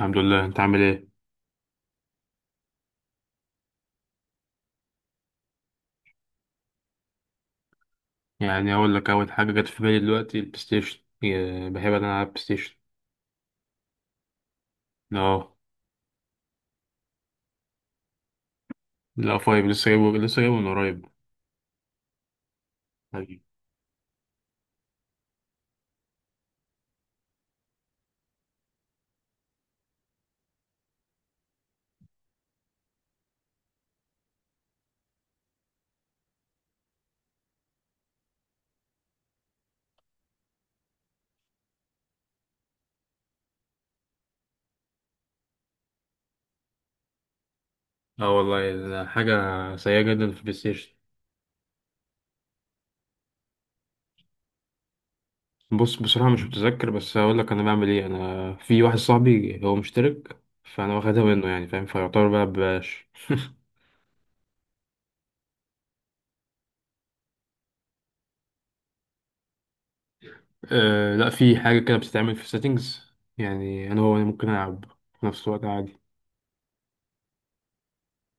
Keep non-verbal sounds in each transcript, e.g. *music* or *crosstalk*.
الحمد لله. انت عامل ايه؟ يعني اقول لك اول حاجه جت في بالي دلوقتي البلاي ستيشن بحب انا العب بلاي ستيشن. اه. لا، فايف، لسه جايبه من قريب. حبيبي. اه والله، حاجه سيئه جدا في البلاي ستيشن. بص، بصراحه مش متذكر، بس هقول لك انا بعمل ايه. انا في واحد صاحبي هو مشترك، فانا واخدها منه، يعني فاهم، فيعتبر بقى ببلاش. أه لا، في حاجه كده بتتعمل في settings، يعني انا هو أنا ممكن العب في نفس الوقت عادي.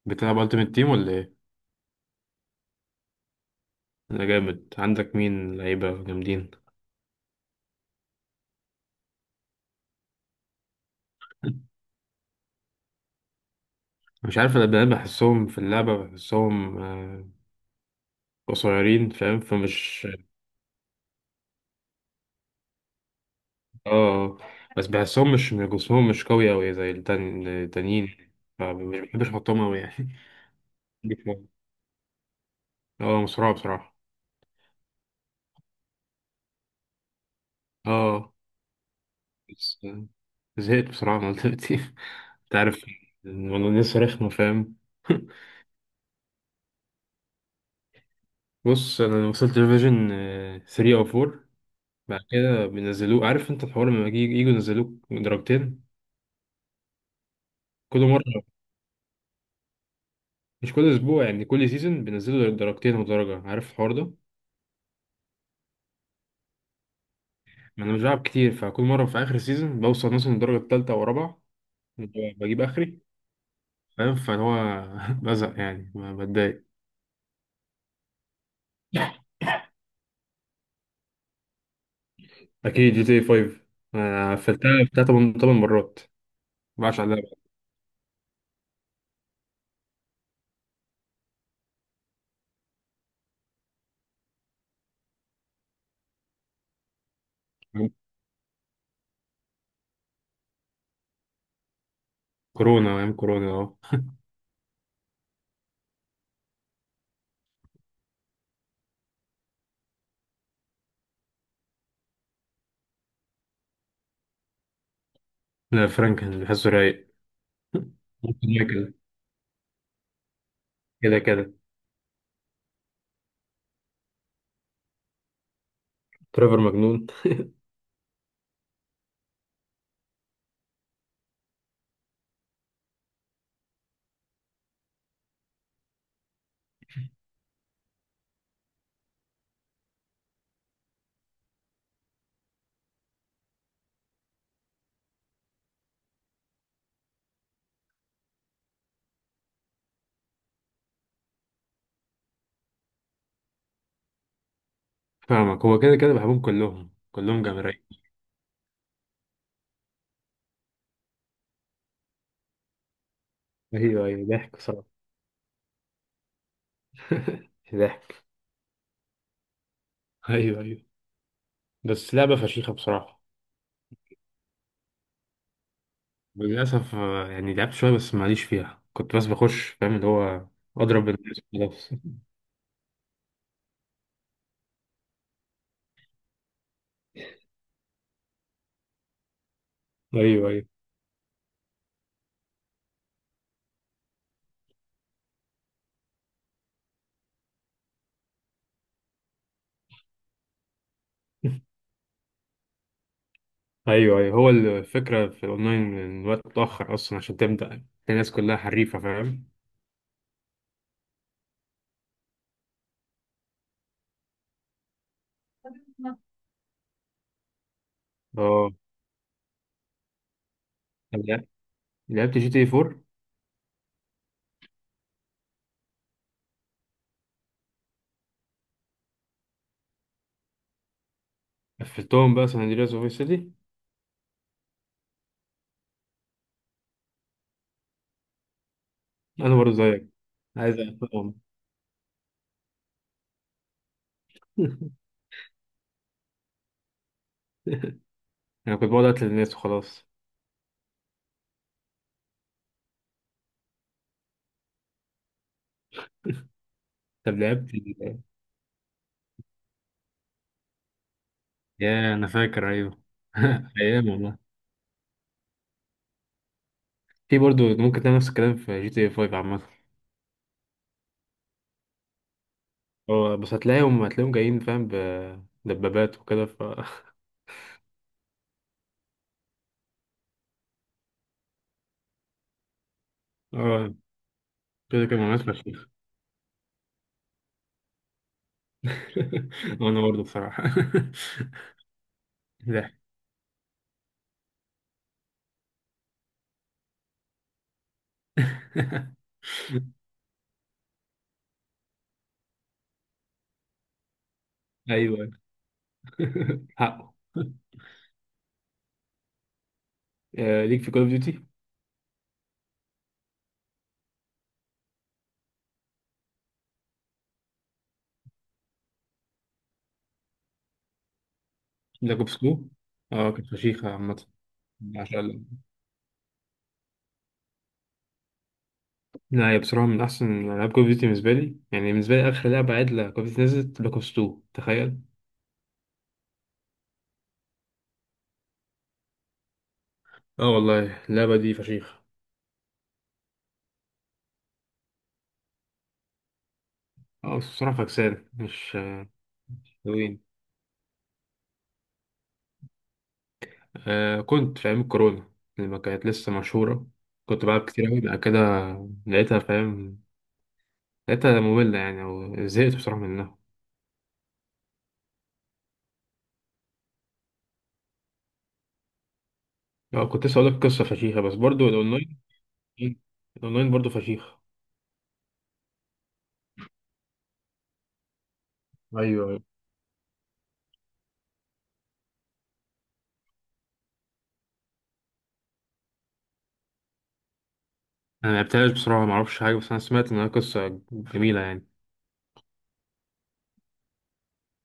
بتلعب Ultimate Team ولا ايه؟ انا جامد. عندك مين لعيبه جامدين؟ مش عارف، انا بقى بحسهم في اللعبة، بحسهم قصيرين، فاهم، فمش... اه آه. بس بحسهم، مش جسمهم مش قوي أوي زي التانيين، فمش بحبش احطهم أوي يعني. *laughs* ليك مرة؟ اه، مسرعة بصراحة. اه، بس زهقت بصراحة من دلوقتي. *laughs* انت عارف الموضوع لسه رخمة، فاهم. *laughs* بص، انا وصلت لفيجن 3 او 4. بعد كده بينزلوه، عارف انت الحوار لما يجوا ينزلوك درجتين. كل مرة، مش كل اسبوع، يعني كل سيزون بينزلوا درجتين ودرجه، عارف الحوار ده. ما انا مش بلعب كتير، فكل مره في اخر سيزون بوصل مثلا الدرجه الثالثه ورابعه، بجيب اخري، فاهم، فهو... *laughs* بزهق يعني، ما بتضايق. اكيد جي تي 5، انا قفلتها بتاع تمن تمن مرات، ما بعرفش عليها بقى. كورونا، ايام كورونا اهو. لا، فرانك كان بحسه رايق. ممكن مايكل كده كده. تريفر مجنون. فاهمك، هو كده كده بحبهم كلهم، كلهم جامد رايق. ايوه ايوه، ضحك صراحه. ضحك. ايوه ايوه. بس لعبه فشيخه بصراحه. للأسف يعني لعبت شوية بس ماليش فيها، كنت بس بخش، فاهم اللي هو. أضرب الناس وخلاص. *laughs* أيوه أيوه. أيوه أيوه، هو الفكرة في الأونلاين إن الوقت متأخر أصلا، عشان تبدأ الناس كلها حريفة، فاهم. اه، لعبت لعبت جي تي 4. قفلتهم بقى سان أندرياس وفيس سيتي. أنا برضه زيك، عايز أقفلهم. *laughs* أنا كنت بقعد أقتل الناس وخلاص. طب لعبت... يا أنا فاكر. أيوه. *laughs* أيام والله. في برضه ممكن تعمل نفس الكلام في جي تي 5 عامة. هو بس هتلاقيهم جايين، فاهم، بدبابات وكده ف... *laughs* اه، كده كده مناسبة فشيخ. *laughs* وانا برضه بصراحة. *laughs* ضحك. *laughs* ايوه. *laughs* حقه. ليك في كول اوف ديوتي. بلاك اوبس 2. اه كانت فشيخة عامة. ما شاء الله. لا، هي بصراحة من أحسن ألعاب كول أوف ديوتي بالنسبة لي، يعني بالنسبة لي آخر لعبة عدلة كول أوف ديوتي نزلت بلاك أوبس 2، تخيل. اه والله اللعبة دي فشيخة. اه بس بصراحة فكسان مش حلوين. كنت في أيام الكورونا لما كانت لسه مشهورة، كنت بلعب كتير أوي. بعد كده لقيتها، فاهم، لقيتها مملة يعني، أو زهقت بصراحة منها. اه كنت لسه هقولك قصة فشيخة، بس برضو الأونلاين... إيه، الأونلاين برضو فشيخة. اييوه ايوه. أنا ملعبتهاش بصراحة، معرفش حاجة، بس أنا سمعت إنها قصة جميلة يعني.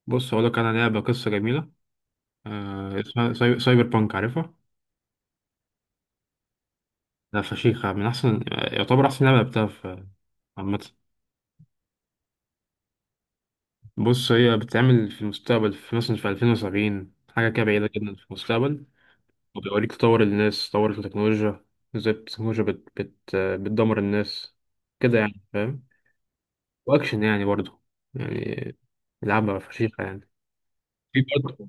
بص هقولك، أنا لعبة قصة جميلة، اسمها سايبر بانك، عارفها؟ لا، فشيخة، من أحسن، يعتبر أحسن لعبة لعبتها في عامة. بص هي بتتعمل في المستقبل، في مثلا في 2070، حاجة كده بعيدة جدا في المستقبل. وبيوريك تطور الناس، تطور التكنولوجيا، ازاي التكنولوجيا بت بت بتدمر الناس كده يعني، فاهم. وأكشن يعني برضه يعني، لعبة فشيخة يعني. في برضه،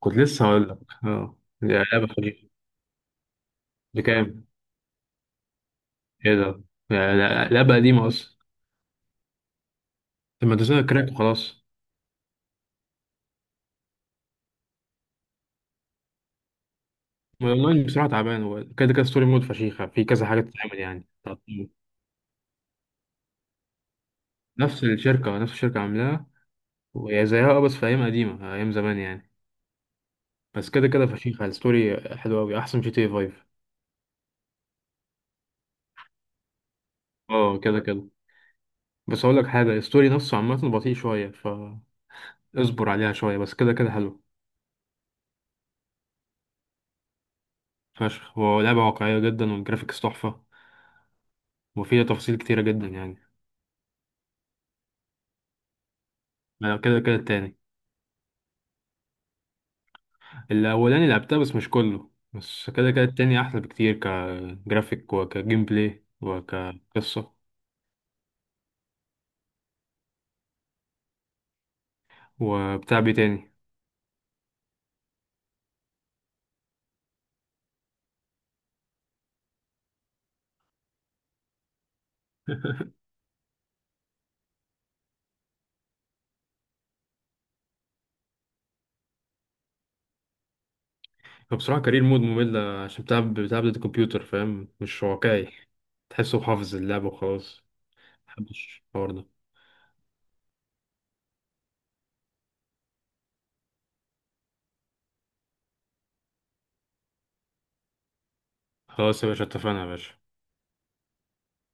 كنت لسه هقول لك، اه دي لعبة فشيخة. بكام؟ ايه ده؟ يعني لعبة قديمة أصلا. طب ما تنزلها كراك وخلاص. والأونلاين بصراحة تعبان، هو كده كده ستوري مود فشيخة، في كذا حاجة تتعمل يعني تعطيل. نفس الشركة، نفس الشركة عاملاها. وهي زيها، اه بس في ايام قديمه، ايام زمان يعني. بس كده كده فشيخه، الستوري حلوه قوي، احسن جي تي اي 5. اه كده كده. بس اقول لك حاجه، الستوري نفسه عامه بطيء شويه، فاصبر عليها شويه، بس كده كده حلو. فشخ هو لعبه واقعيه جدا، والجرافيكس تحفه، وفيها تفاصيل كتيره جدا يعني. أنا كده كده التاني. الاولاني لعبتها بس مش كله، بس كده كده التاني احلى بكتير، كجرافيك وكجيم بلاي وكقصه. وبتاع بيه تاني. *laughs* فبصراحة كارير مود ممل، عشان بتلعب ضد الكمبيوتر، فاهم، مش واقعي. تحسه حافظ اللعبة وخلاص. محبش الحوار ده. خلاص يا باشا، اتفقنا يا باشا.